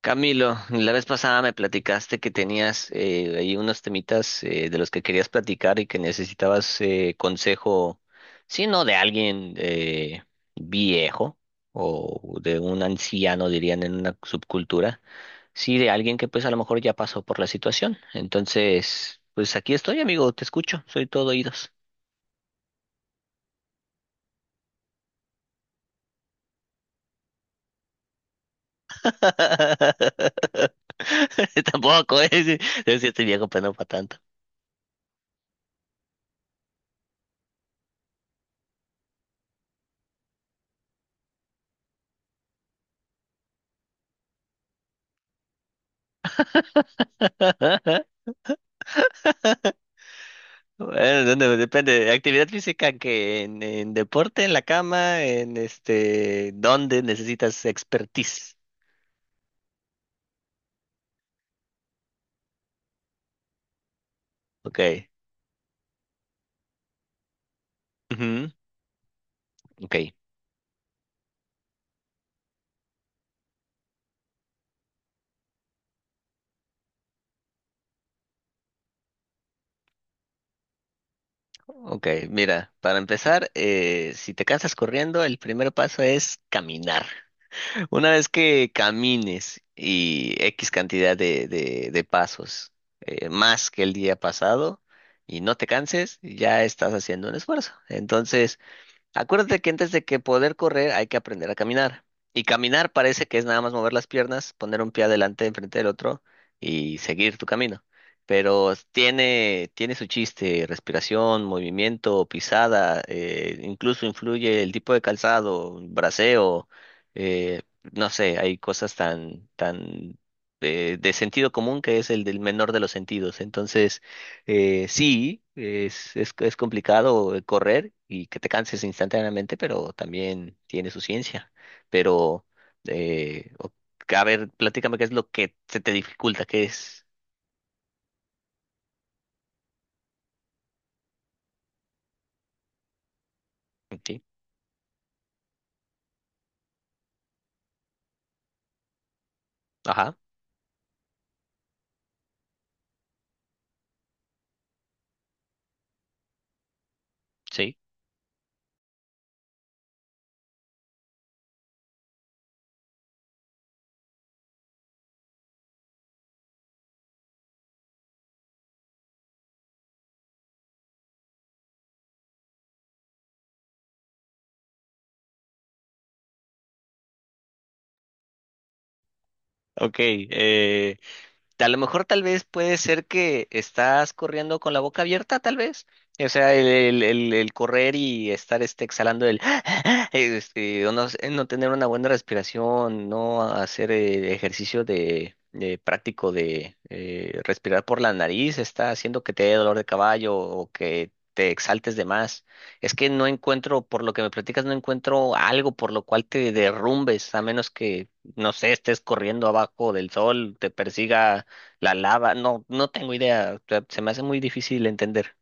Camilo, la vez pasada me platicaste que tenías ahí unos temitas de los que querías platicar y que necesitabas consejo, si no de alguien viejo o de un anciano, dirían en una subcultura, sí, de alguien que pues a lo mejor ya pasó por la situación. Entonces, pues aquí estoy, amigo, te escucho, soy todo oídos. Tampoco es, es que estoy viejo, pero no para tanto. Bueno, depende, depende de actividad física, que en deporte, en la cama, en este, ¿dónde necesitas expertise? Ok. Ujú. Ok, ok. Mira, para empezar, si te cansas corriendo, el primer paso es caminar. Una vez que camines y X cantidad de, de pasos más que el día pasado y no te canses, ya estás haciendo un esfuerzo. Entonces, acuérdate que antes de que poder correr hay que aprender a caminar. Y caminar parece que es nada más mover las piernas, poner un pie adelante enfrente del otro y seguir tu camino. Pero tiene, tiene su chiste: respiración, movimiento, pisada, incluso influye el tipo de calzado, braceo, eh, no sé, hay cosas tan, tan de sentido común, que es el del menor de los sentidos. Entonces, sí, es complicado correr y que te canses instantáneamente, pero también tiene su ciencia. Pero, eh, o- a ver, platícame qué es lo que se te dificulta, qué es. Sí, ajá, sí. Ok, a lo mejor tal vez puede ser que estás corriendo con la boca abierta, tal vez. O sea, el correr y estar este, exhalando el... este, o no, sé, no tener una buena respiración, no hacer ejercicio de práctico de respirar por la nariz, está haciendo que te dé dolor de caballo o que te exaltes de más. Es que no encuentro, por lo que me platicas, no encuentro algo por lo cual te derrumbes, a menos que, no sé, estés corriendo abajo del sol, te persiga la lava, no, no tengo idea. O sea, se me hace muy difícil entender.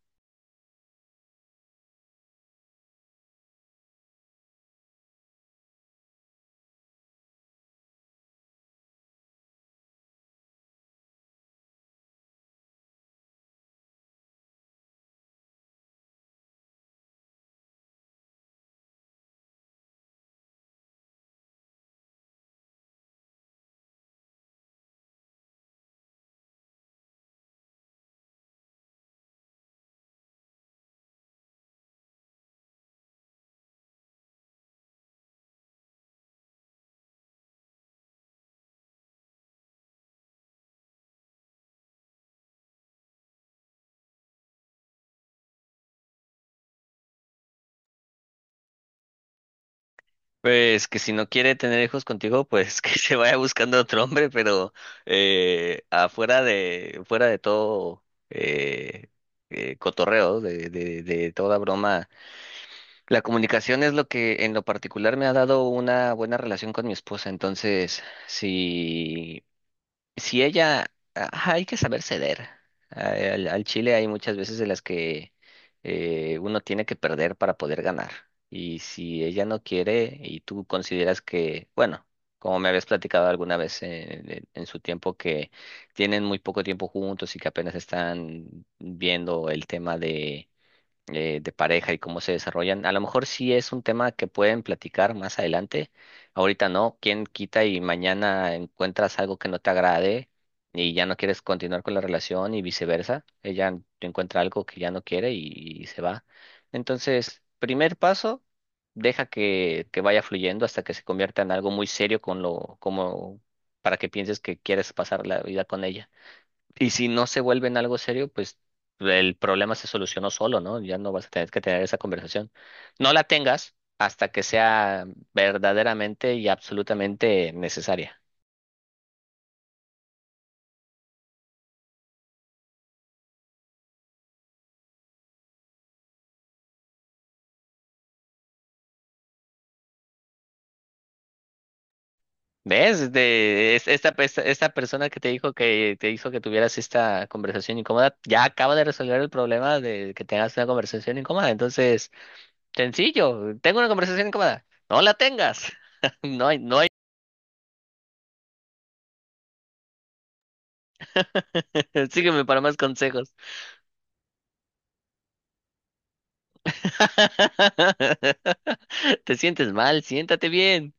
Pues que si no quiere tener hijos contigo, pues que se vaya buscando otro hombre, pero afuera de, fuera de todo eh, cotorreo, de, de toda broma, la comunicación es lo que en lo particular me ha dado una buena relación con mi esposa. Entonces, si si ella, ajá, hay que saber ceder. Ay, Al, al chile hay muchas veces de las que uno tiene que perder para poder ganar. Y si ella no quiere y tú consideras que, bueno, como me habías platicado alguna vez en su tiempo, que tienen muy poco tiempo juntos y que apenas están viendo el tema de pareja y cómo se desarrollan. A lo mejor sí es un tema que pueden platicar más adelante. Ahorita no, quién quita y mañana encuentras algo que no te agrade y ya no quieres continuar con la relación y viceversa. Ella encuentra algo que ya no quiere y se va. Entonces, primer paso, deja que vaya fluyendo hasta que se convierta en algo muy serio, con lo, como para que pienses que quieres pasar la vida con ella. Y si no se vuelve en algo serio, pues el problema se solucionó solo, ¿no? Ya no vas a tener que tener esa conversación. No la tengas hasta que sea verdaderamente y absolutamente necesaria. ¿Ves? Esta, esta persona que te dijo, que te hizo que tuvieras esta conversación incómoda, ya acaba de resolver el problema de que tengas una conversación incómoda. Entonces, sencillo: tengo una conversación incómoda. No la tengas. No hay, no hay. Sígueme para más consejos. Te sientes mal, siéntate bien.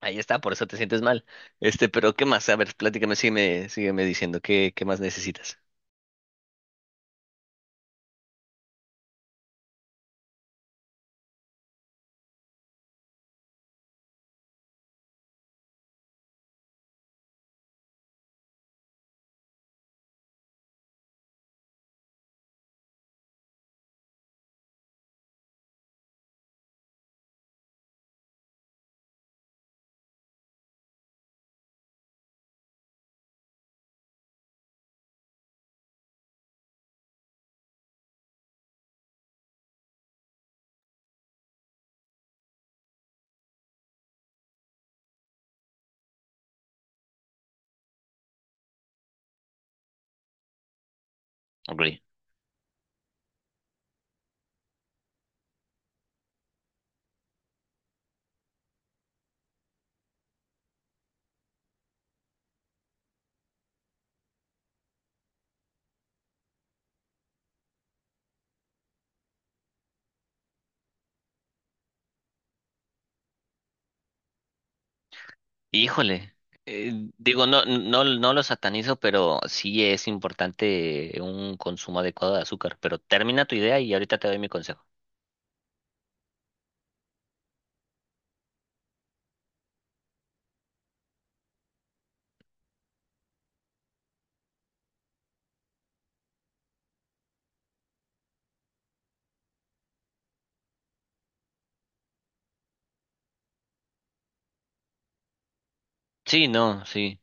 Ahí está, por eso te sientes mal. Este, pero ¿qué más? A ver, platícame, sígueme, sígueme diciendo qué, qué más necesitas. Ok. Híjole. Eh, digo, no, no, no lo satanizo, pero sí es importante un consumo adecuado de azúcar. Pero termina tu idea y ahorita te doy mi consejo. Sí, no, sí.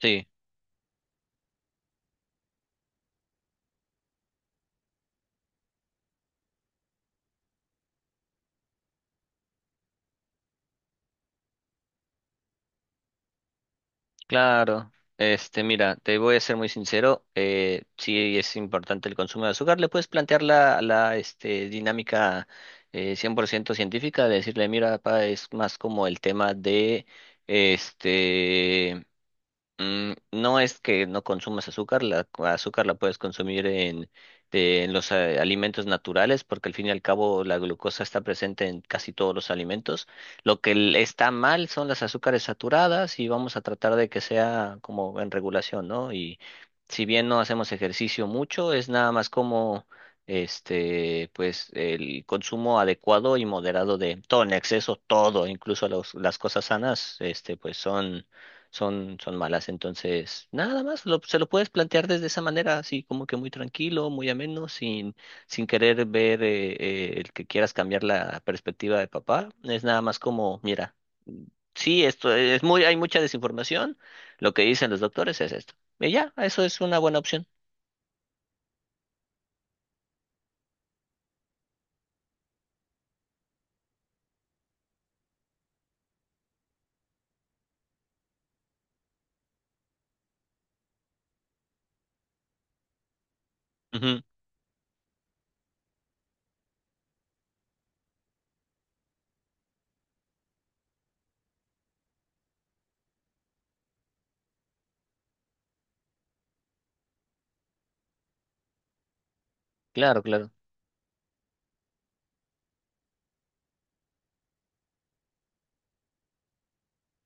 Sí. Claro, este, mira, te voy a ser muy sincero, sí es importante el consumo de azúcar, le puedes plantear la este, dinámica 100% científica, de decirle: mira, papá, es más como el tema de, este, mm, no es que no consumas azúcar, la azúcar la puedes consumir en los alimentos naturales, porque al fin y al cabo la glucosa está presente en casi todos los alimentos. Lo que está mal son las azúcares saturadas, y vamos a tratar de que sea como en regulación, ¿no? Y si bien no hacemos ejercicio mucho, es nada más como este, pues el consumo adecuado y moderado, de todo en exceso, todo, incluso las cosas sanas, este, pues son, son malas. Entonces, nada más, se lo puedes plantear desde esa manera, así como que muy tranquilo, muy ameno, sin, sin querer ver el que quieras cambiar la perspectiva de papá. Es nada más como, mira, sí, esto es muy, hay mucha desinformación, lo que dicen los doctores es esto. Y ya, eso es una buena opción. Ujú. Claro, claro.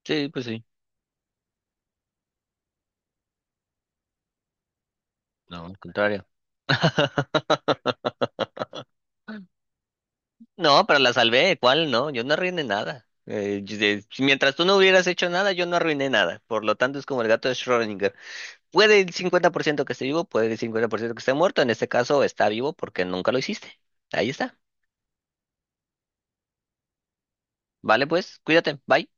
Sí, pues sí. No, al contrario. No, pero la salvé, ¿cuál? No, yo no arruiné nada. Si mientras tú no hubieras hecho nada, yo no arruiné nada. Por lo tanto, es como el gato de Schrödinger. Puede el 50% que esté vivo, puede el 50% que esté muerto. En este caso, está vivo porque nunca lo hiciste. Ahí está. Vale, pues, cuídate. Bye.